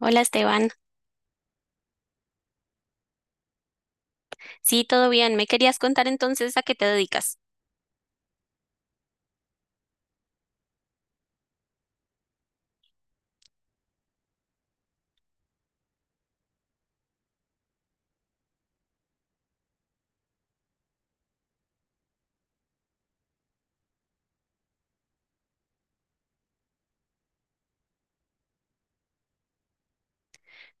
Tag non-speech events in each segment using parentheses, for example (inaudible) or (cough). Hola Esteban, sí, todo bien. ¿Me querías contar entonces a qué te dedicas?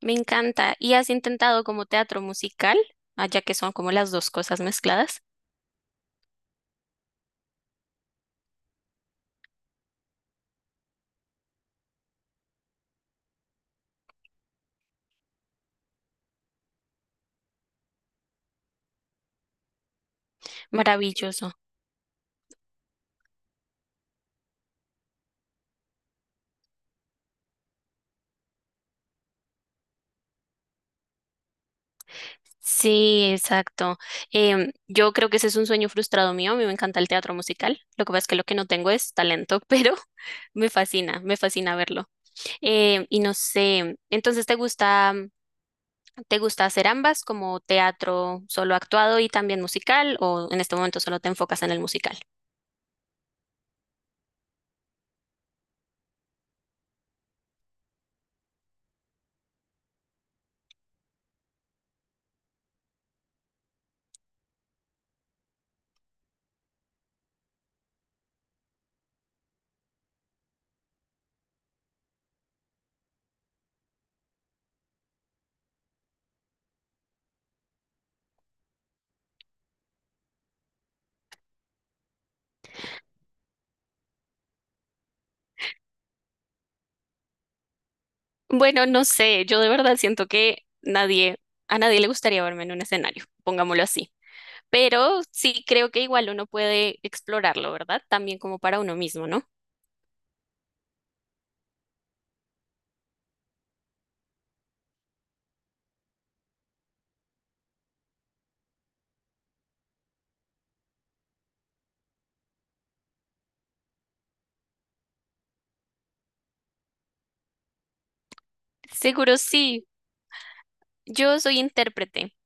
Me encanta. ¿Y has intentado como teatro musical? Ah, ya que son como las dos cosas mezcladas. Maravilloso. Sí, exacto. Yo creo que ese es un sueño frustrado mío. A mí me encanta el teatro musical. Lo que pasa es que lo que no tengo es talento, (laughs) pero me fascina verlo. Y no sé, entonces te gusta hacer ambas como teatro solo actuado y también musical o en este momento solo te enfocas en el musical? Bueno, no sé, yo de verdad siento que nadie, a nadie le gustaría verme en un escenario, pongámoslo así. Pero sí creo que igual uno puede explorarlo, ¿verdad? También como para uno mismo, ¿no? Seguro sí, yo soy intérprete,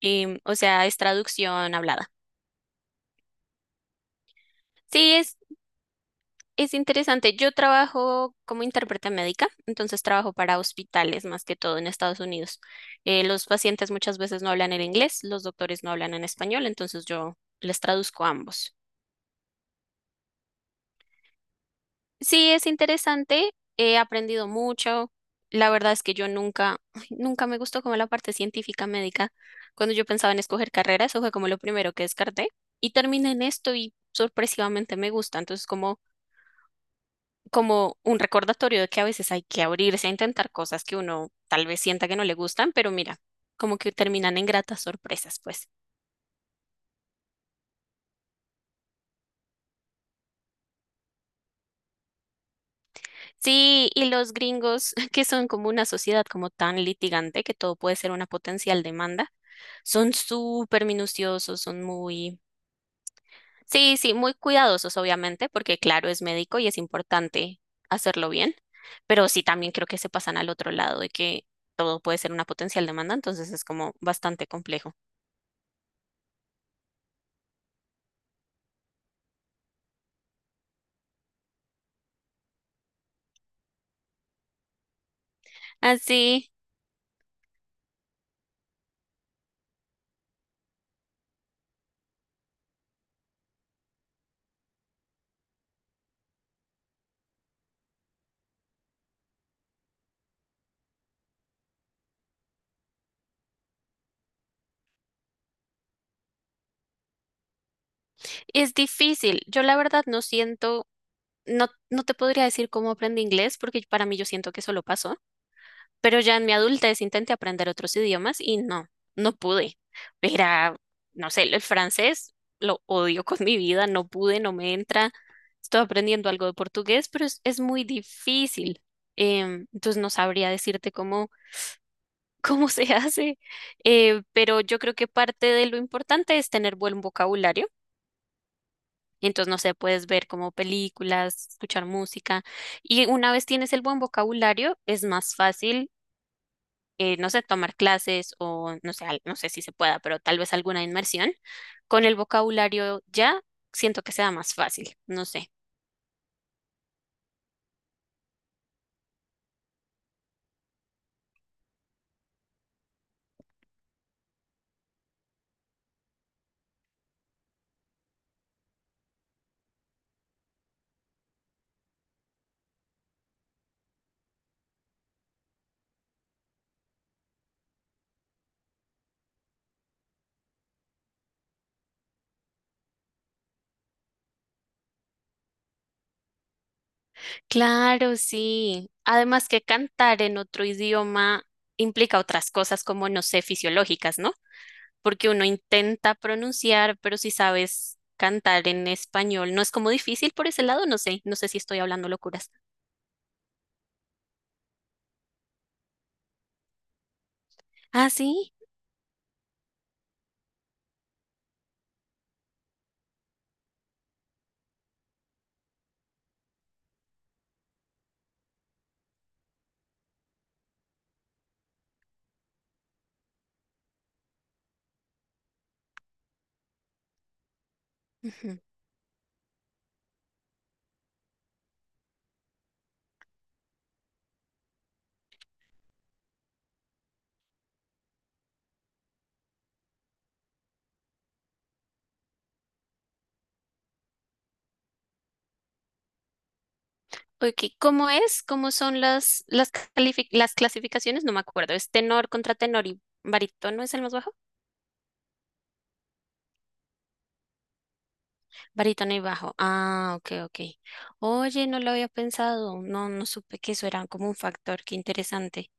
o sea, es traducción hablada. Sí, es interesante. Yo trabajo como intérprete médica, entonces trabajo para hospitales más que todo en Estados Unidos. Los pacientes muchas veces no hablan en inglés, los doctores no hablan en español, entonces yo les traduzco a ambos. Sí, es interesante, he aprendido mucho. La verdad es que yo nunca, ay, nunca me gustó como la parte científica médica. Cuando yo pensaba en escoger carrera, eso fue como lo primero que descarté. Y terminé en esto y sorpresivamente me gusta. Entonces, como, como un recordatorio de que a veces hay que abrirse a intentar cosas que uno tal vez sienta que no le gustan, pero mira, como que terminan en gratas sorpresas, pues. Sí, y los gringos, (laughs) que son como una sociedad como tan litigante que todo puede ser una potencial demanda. Son súper minuciosos, son muy, sí, sí, muy cuidadosos, obviamente, porque claro, es médico y es importante hacerlo bien, pero sí también creo que se pasan al otro lado de que todo puede ser una potencial demanda, entonces es como bastante complejo. Así, es difícil. Yo la verdad no siento, no, no te podría decir cómo aprendí inglés, porque para mí yo siento que solo pasó. Pero ya en mi adultez intenté aprender otros idiomas y no, no pude. Era, no sé, el francés lo odio con mi vida, no pude, no me entra. Estoy aprendiendo algo de portugués, pero es muy difícil. Entonces no sabría decirte cómo, cómo se (laughs) hace. Pero yo creo que parte de lo importante es tener buen vocabulario. Entonces, no sé, puedes ver como películas, escuchar música. Y una vez tienes el buen vocabulario, es más fácil no sé, tomar clases o no sé, al- no sé si se pueda, pero tal vez alguna inmersión, con el vocabulario ya siento que sea más fácil, no sé. Claro, sí. Además que cantar en otro idioma implica otras cosas como, no sé, fisiológicas, ¿no? Porque uno intenta pronunciar, pero si sabes cantar en español, no es como difícil por ese lado, no sé, no sé si estoy hablando locuras. Ah, sí. Ok, ¿cómo es? ¿Cómo son las, califi- las clasificaciones? No me acuerdo. ¿Es tenor contra tenor y barítono es el más bajo? Barítono y bajo. Ah, ok, ok. Oye, no lo había pensado. No, no supe que eso era como un factor. Qué interesante.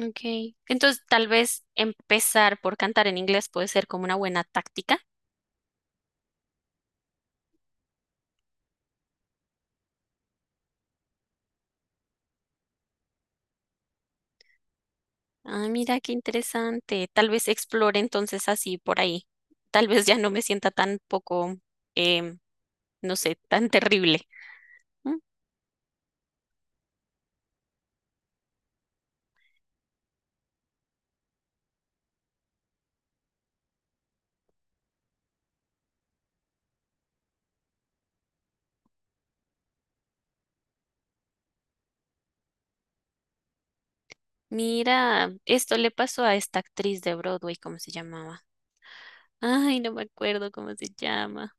Ok. Entonces, tal vez empezar por cantar en inglés puede ser como una buena táctica. Ah, mira, qué interesante. Tal vez explore entonces así por ahí. Tal vez ya no me sienta tan poco, em, no sé, tan terrible. Mm. Mira, esto le pasó a esta actriz de Broadway, ¿cómo se llamaba? Ay, no me acuerdo cómo se llama.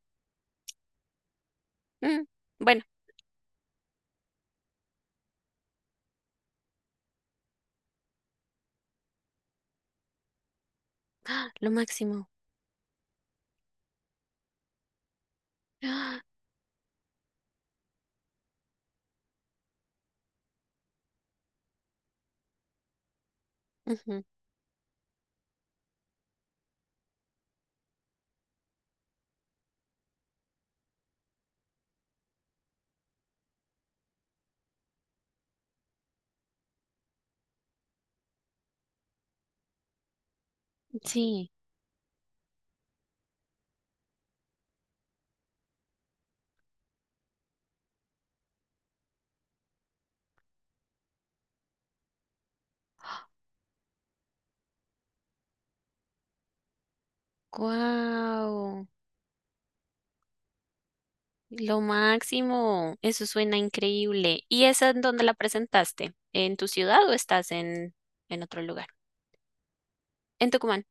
Mm, bueno, ¡ah! Lo máximo. ¡Ah! Ujú, sí, wow, lo máximo. Eso suena increíble. ¿Y esa en dónde la presentaste? ¿En tu ciudad o estás en otro lugar? En Tucumán.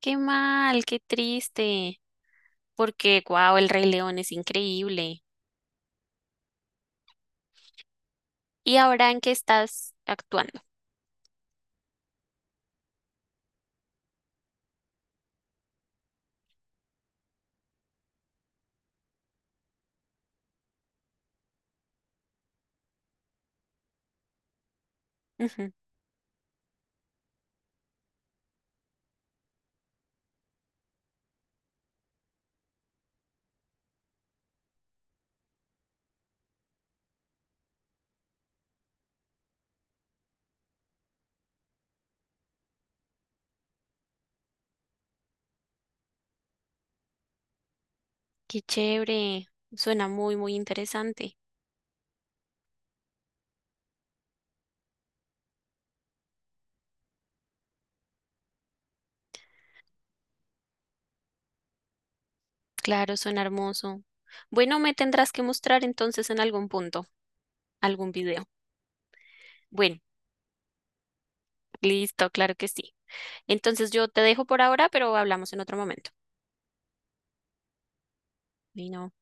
Qué mal, qué triste. Porque, wow, El Rey León es increíble. ¿Y ahora en qué estás actuando? Ujú, qué chévere, suena muy, muy interesante. Claro, suena hermoso. Bueno, me tendrás que mostrar entonces en algún punto, algún video. Bueno, listo, claro que sí. Entonces yo te dejo por ahora, pero hablamos en otro momento. Bueno.